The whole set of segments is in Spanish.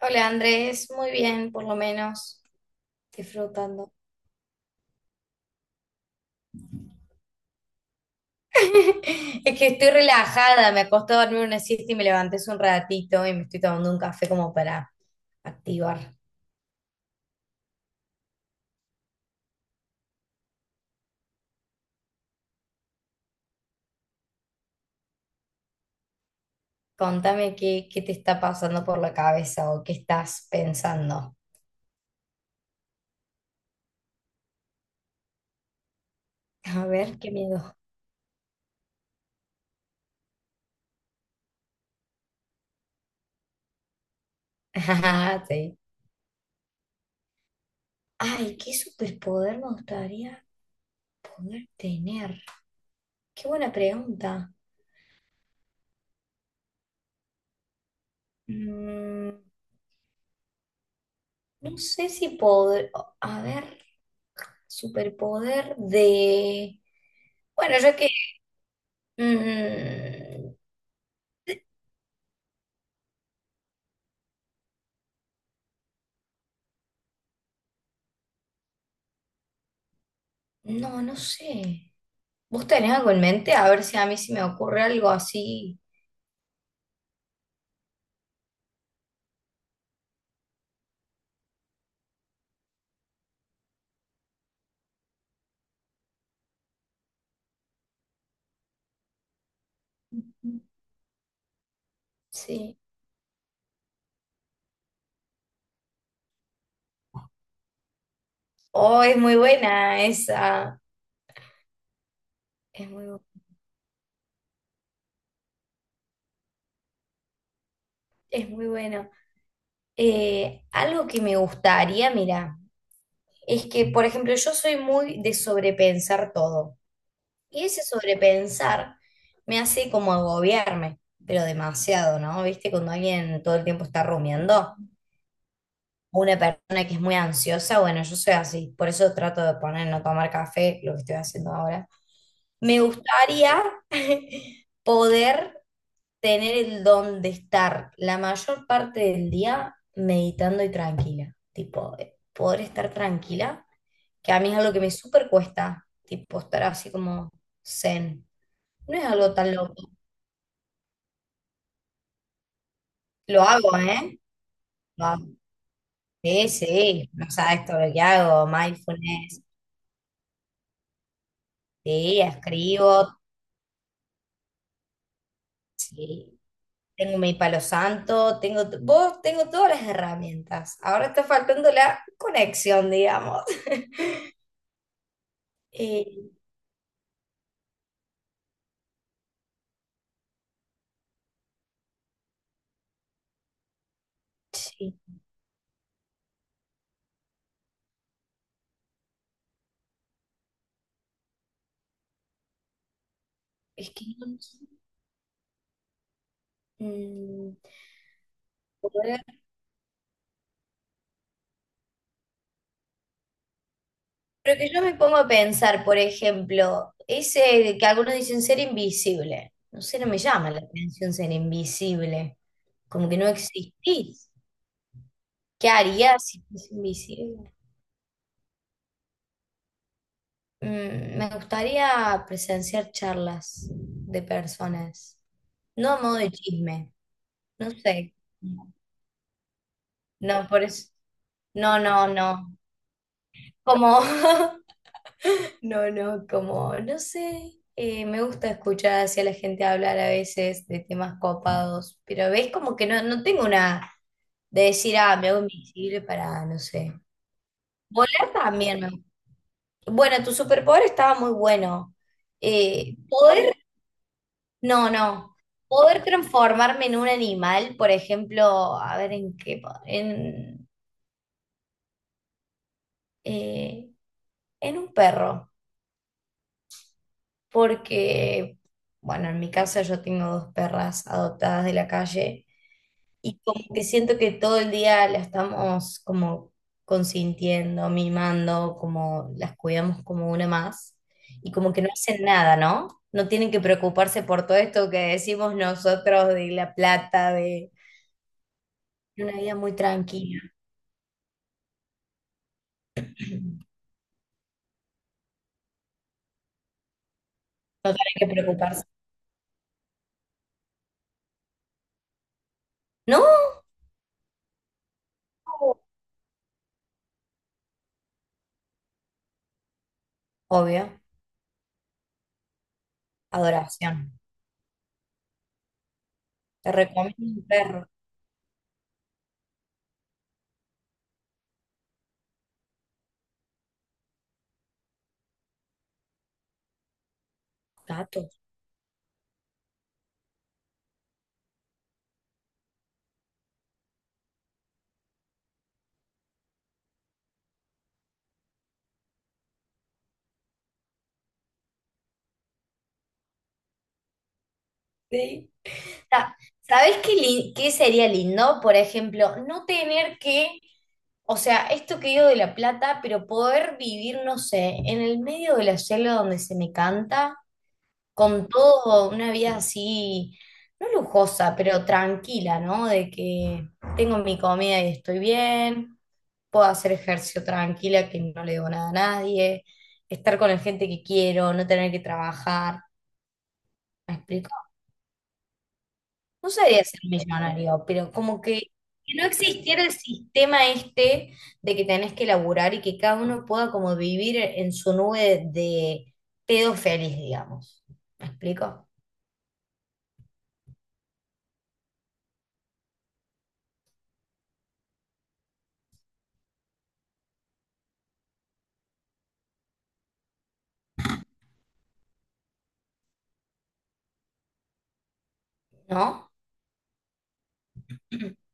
Hola Andrés, muy bien, por lo menos disfrutando. Es que estoy relajada, me acosté a dormir una siesta y me levanté hace un ratito y me estoy tomando un café como para activar. Contame qué te está pasando por la cabeza o qué estás pensando. A ver, qué miedo. Ajá, sí. Ay, ¿qué superpoder me gustaría poder tener? Qué buena pregunta. Mm, no sé si poder, a ver, superpoder de, bueno, ya que, mm, no, no sé. ¿Vos tenés algo en mente? A ver si a mí se me ocurre algo así. Sí. Oh, es muy buena esa. Es muy, es muy buena. Algo que me gustaría, mira, es que, por ejemplo, yo soy muy de sobrepensar todo. Y ese sobrepensar me hace como agobiarme, pero demasiado, ¿no? ¿Viste? Cuando alguien todo el tiempo está rumiando, o una persona que es muy ansiosa, bueno, yo soy así, por eso trato de poner no tomar café, lo que estoy haciendo ahora. Me gustaría poder tener el don de estar la mayor parte del día meditando y tranquila, tipo, poder estar tranquila, que a mí es algo que me súper cuesta, tipo, estar así como zen. No es algo tan loco. Lo hago, ¿eh? Lo hago. Sí, sí, no sabes todo lo que hago, mindfulness, sí, escribo, sí, tengo mi palo santo, tengo, vos tengo todas las herramientas. Ahora está faltando la conexión, digamos. Eh, sí, es que no sé, mm, poder- pero que yo me pongo a pensar, por ejemplo, ese que algunos dicen ser invisible. No sé, no me llama la atención ser invisible. Como que no existís. ¿Qué haría si fuese invisible? Mm, me gustaría presenciar charlas de personas, no a modo de chisme, no sé. No, por eso. No, no, no. Como, no, no, como, no sé. Me gusta escuchar hacia la gente hablar a veces de temas copados, pero ves como que no tengo una de decir, ah, me hago invisible para, no sé. Volar también me, bueno, tu superpoder estaba muy bueno. Poder, no, no. Poder transformarme en un animal, por ejemplo, a ver en qué, eh, en un perro. Porque, bueno, en mi casa yo tengo dos perras adoptadas de la calle. Y como que siento que todo el día la estamos como consintiendo, mimando, como las cuidamos como una más. Y como que no hacen nada, ¿no? No tienen que preocuparse por todo esto que decimos nosotros de la plata, de una vida muy tranquila. No tienen que preocuparse. No, obvio. Adoración. Te recomiendo un perro, gato. Sí. Sa- ¿Sabés qué, qué sería lindo? Por ejemplo, no tener que, o sea, esto que digo de La Plata, pero poder vivir, no sé, en el medio de la selva donde se me canta, con todo, una vida así, no lujosa, pero tranquila, ¿no? De que tengo mi comida y estoy bien, puedo hacer ejercicio tranquila, que no le debo nada a nadie, estar con la gente que quiero, no tener que trabajar, ¿me explico? No sería ser millonario, pero como que no existiera el sistema este de que tenés que laburar y que cada uno pueda como vivir en su nube de pedo feliz, digamos. ¿Me explico? ¿No?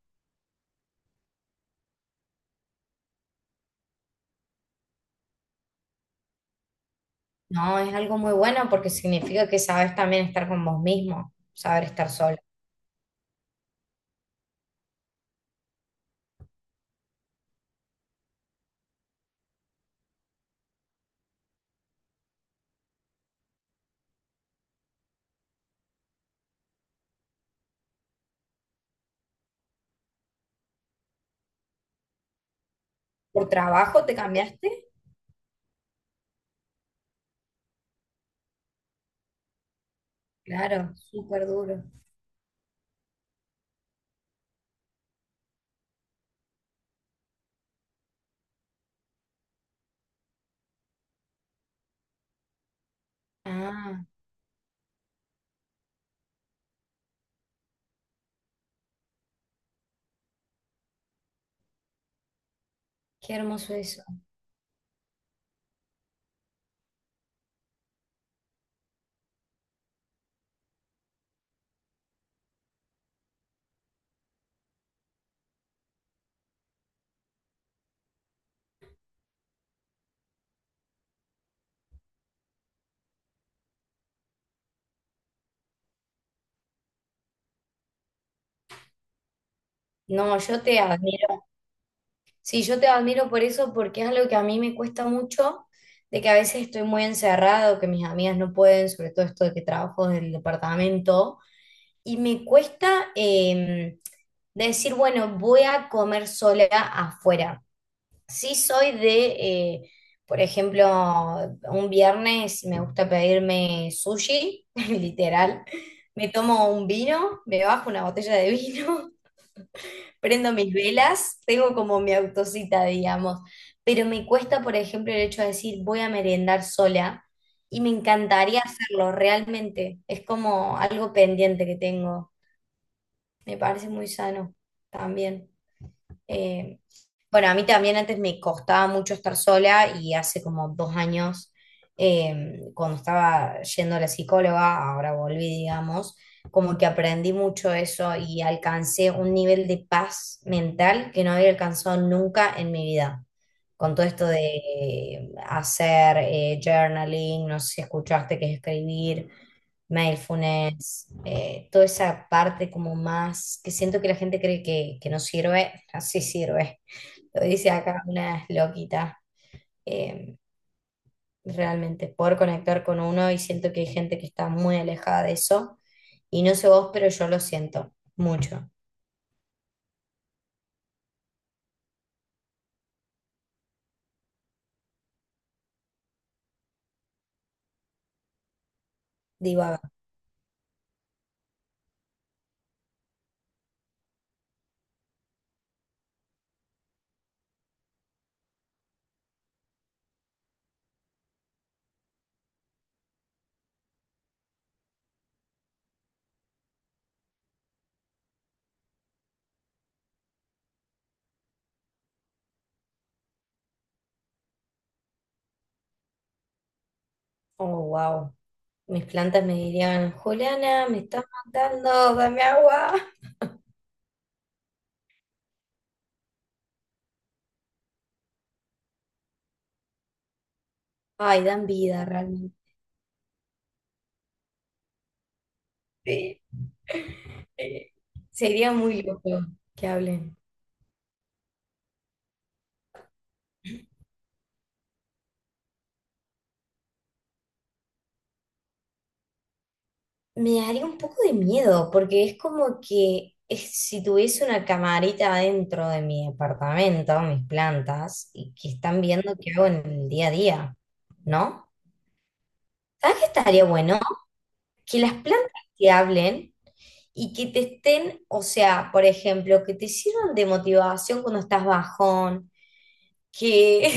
No, es algo muy bueno porque significa que sabes también estar con vos mismo, saber estar solo. ¿Por trabajo te cambiaste? Claro, súper duro. Ah, qué hermoso eso. No, yo te admiro. Sí, yo te admiro por eso, porque es algo que a mí me cuesta mucho, de que a veces estoy muy encerrado, que mis amigas no pueden, sobre todo esto de que trabajo del departamento, y me cuesta decir, bueno, voy a comer sola afuera. Sí soy de, eh, por ejemplo, un viernes me gusta pedirme sushi, literal. Me tomo un vino, me bajo una botella de vino, prendo mis velas, tengo como mi autocita, digamos, pero me cuesta, por ejemplo, el hecho de decir voy a merendar sola y me encantaría hacerlo realmente. Es como algo pendiente que tengo. Me parece muy sano también. Eh, bueno, a mí también antes me costaba mucho estar sola y hace como 2 años, cuando estaba yendo a la psicóloga, ahora volví, digamos, como que aprendí mucho eso y alcancé un nivel de paz mental que no había alcanzado nunca en mi vida. Con todo esto de hacer journaling, no sé si escuchaste que es escribir, mindfulness, toda esa parte como más que siento que la gente cree que no sirve, así sirve. Lo dice acá una loquita, eh, realmente poder conectar con uno y siento que hay gente que está muy alejada de eso y no sé vos, pero yo lo siento mucho. Digo, ah, oh, wow. Mis plantas me dirían, Juliana, me estás matando, dame agua. Ay, dan vida realmente. Sí. Eh, sería muy loco que hablen. Me daría un poco de miedo, porque es como que si tuviese una camarita dentro de mi departamento, mis plantas, y que están viendo qué hago en el día a día, ¿no? ¿Sabes qué estaría bueno? Que las plantas te hablen y que te estén, o sea, por ejemplo, que te sirvan de motivación cuando estás bajón, que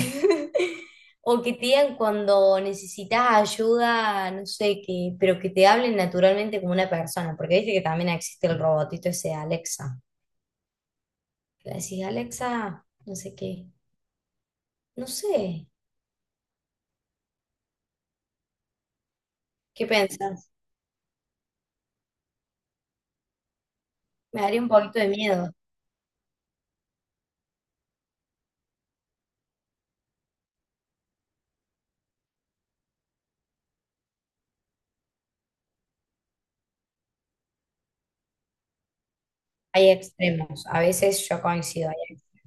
o que te digan cuando necesitas ayuda, no sé qué, pero que te hablen naturalmente como una persona, porque viste que también existe el robotito ese de Alexa. Le decís, Alexa, no sé qué, no sé, ¿qué pensás? Me daría un poquito de miedo. Hay extremos, a veces yo coincido, hay extremos.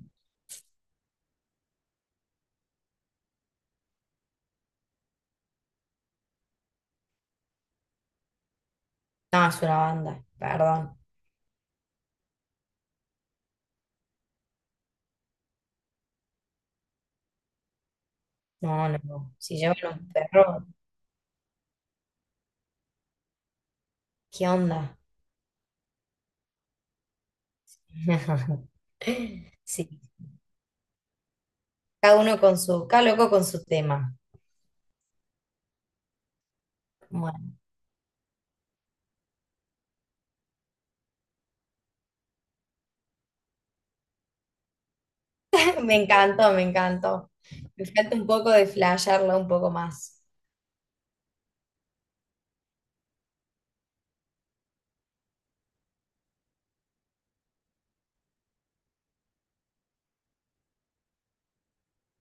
No, es una banda, perdón. No, no, no. Si llevan un perro, ¿qué onda? Sí, cada uno con su, cada loco con su tema. Bueno, me encantó, me encantó. Me falta un poco de flashearla un poco más.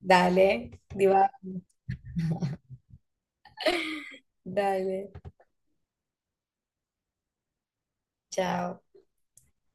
Dale, diva. Dale, chao.